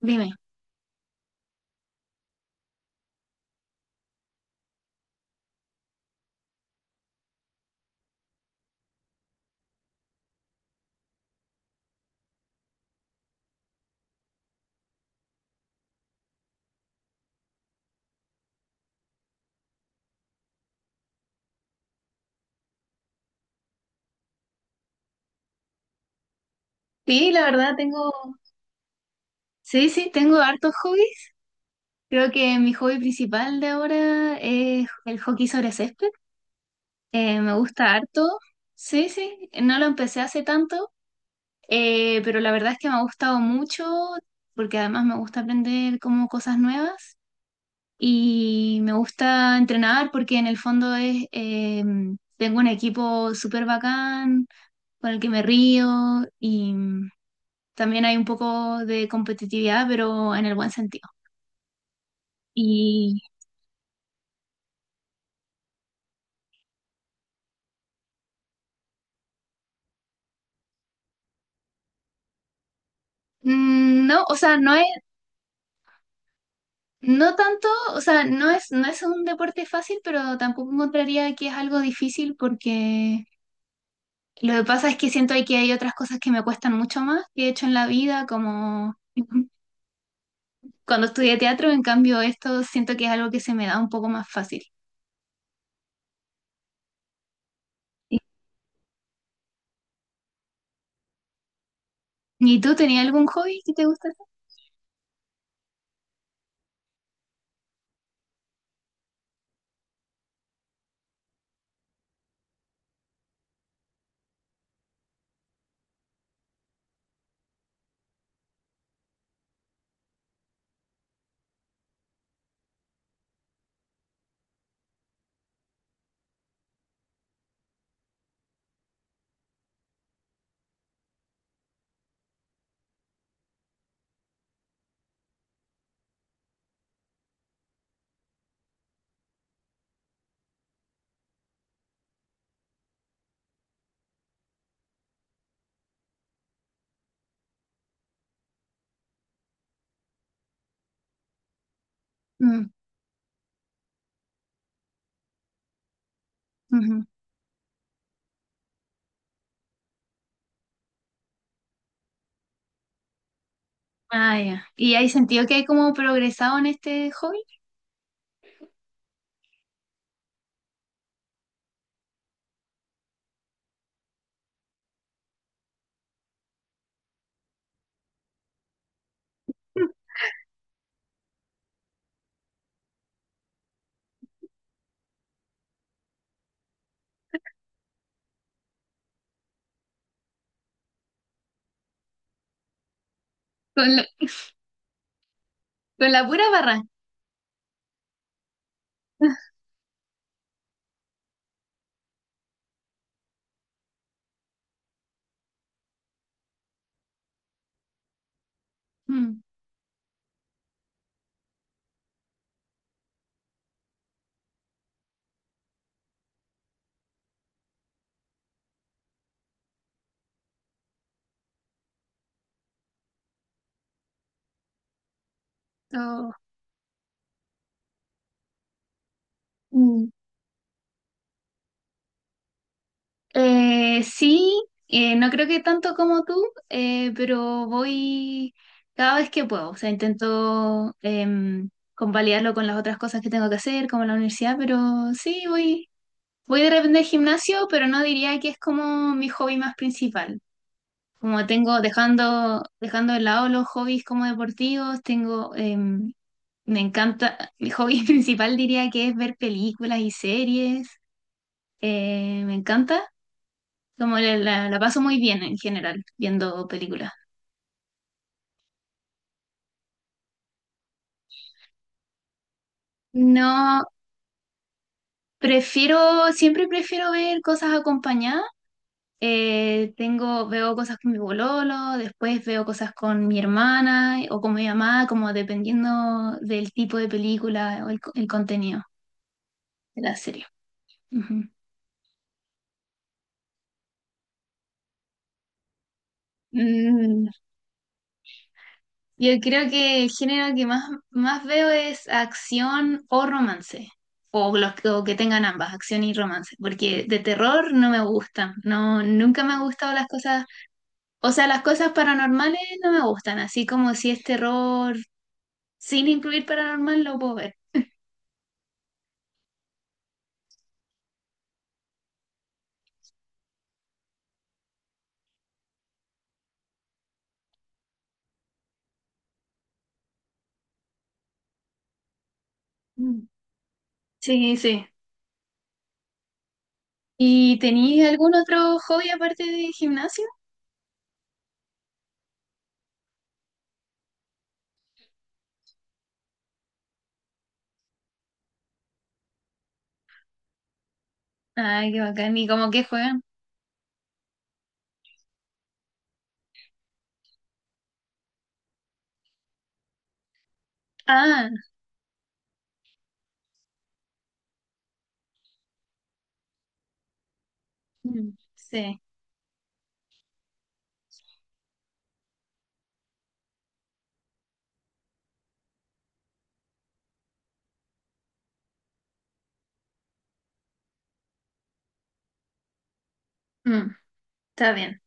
Dime. Sí, la verdad tengo, sí, sí, tengo hartos hobbies. Creo que mi hobby principal de ahora es el hockey sobre césped. Me gusta harto. Sí, sí, no lo empecé hace tanto, pero la verdad es que me ha gustado mucho porque además me gusta aprender como cosas nuevas y me gusta entrenar porque en el fondo es, tengo un equipo súper bacán con el que me río y también hay un poco de competitividad, pero en el buen sentido. Y no, o sea, no tanto, o sea, no es un deporte fácil, pero tampoco encontraría que es algo difícil porque lo que pasa es que siento que hay otras cosas que me cuestan mucho más que he hecho en la vida, como cuando estudié teatro, en cambio esto siento que es algo que se me da un poco más fácil. ¿Y y tú tenías algún hobby que te gusta hacer? Mm, ujú. Ah, ya. ¿Y hay sentido que hay como progresado en este hobby? Con Con la pura barra. Mm, oh, mm. Sí, no creo que tanto como tú, pero voy cada vez que puedo. O sea, intento convalidarlo con las otras cosas que tengo que hacer, como la universidad, pero sí, voy, voy de repente al gimnasio, pero no diría que es como mi hobby más principal. Como tengo, dejando, dejando de lado los hobbies como deportivos, tengo, me encanta, mi hobby principal diría que es ver películas y series. Me encanta, como la paso muy bien en general viendo películas. No, prefiero, siempre prefiero ver cosas acompañadas. Tengo, veo cosas con mi bololo, después veo cosas con mi hermana o con mi mamá, como dependiendo del tipo de película o el contenido de la serie. Ujú. Mm, yo creo que el género que más, más veo es acción o romance, o, o que tengan ambas, acción y romance, porque de terror no me gustan, no, nunca me han gustado las cosas, o sea, las cosas paranormales no me gustan, así como si es terror sin incluir paranormal lo puedo ver. Mm, sí, sí. ¿Y tenéis algún otro hobby aparte de gimnasio? Ay, qué bacán, ¿y cómo que juegan? Ah, mm, sí, mm, está bien.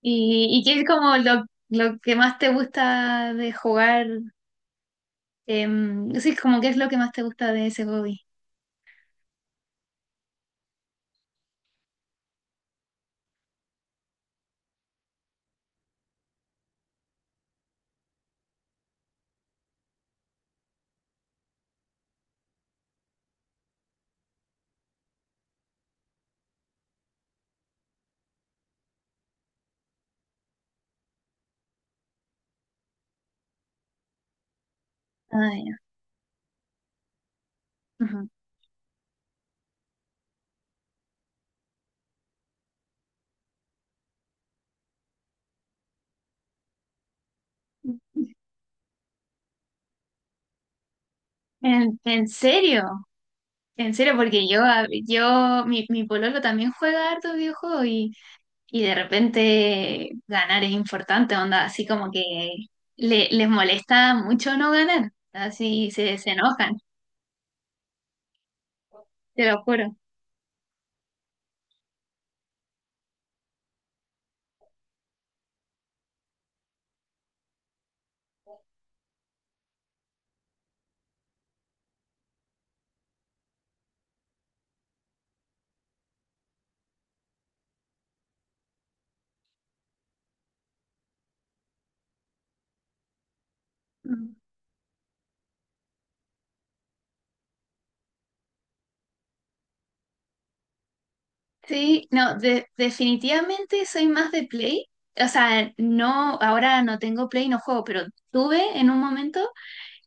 Y qué es como lo que más te gusta de jugar? Sí, como qué es lo que más te gusta de ese hobby. Ah, ya. Ujú. En serio? En serio, porque yo, yo, mi pololo también juega harto videojuegos y de repente ganar es importante, onda, así como que le, les molesta mucho no ganar, así se, se enojan, te lo juro. Sí, no, definitivamente soy más de Play. O sea, no, ahora no tengo Play, no juego, pero tuve en un momento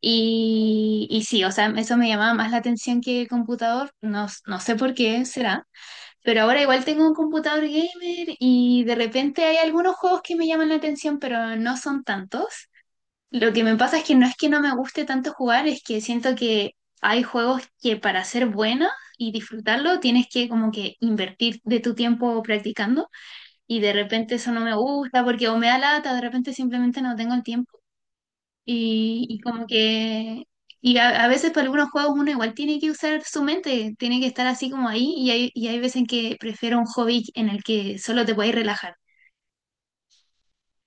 y sí, o sea, eso me llamaba más la atención que computador, no, no sé por qué será, pero ahora igual tengo un computador gamer y de repente hay algunos juegos que me llaman la atención, pero no son tantos. Lo que me pasa es que no me guste tanto jugar, es que siento que hay juegos que para ser buena y disfrutarlo tienes que como que invertir de tu tiempo practicando y de repente eso no me gusta porque o me da lata, de repente simplemente no tengo el tiempo y como que... Y a veces para algunos juegos uno igual tiene que usar su mente, tiene que estar así como ahí y hay veces en que prefiero un hobby en el que solo te puedes relajar.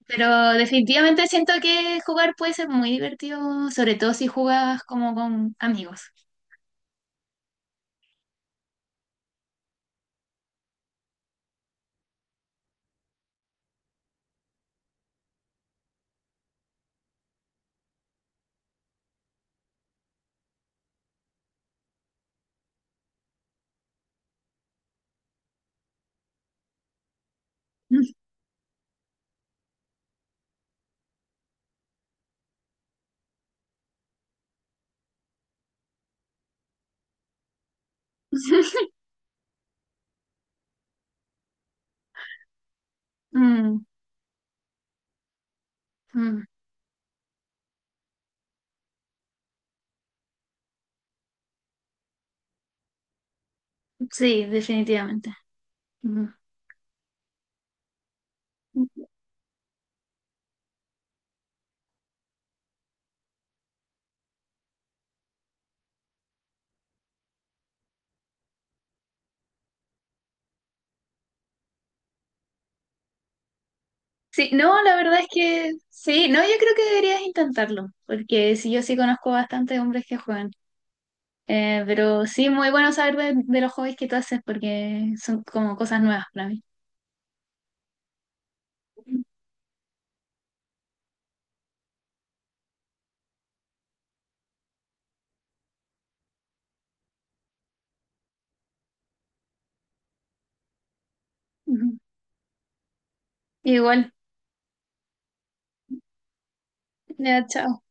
Pero definitivamente siento que jugar puede ser muy divertido, sobre todo si juegas como con amigos. Mm, mm. Sí, definitivamente. Mm. Sí, no, la verdad es que sí, no, yo creo que deberías intentarlo, porque sí, yo sí conozco bastante hombres que juegan. Pero sí, muy bueno saber de los hobbies que tú haces, porque son como cosas nuevas para mí. Ujú. Igual, ya, chao.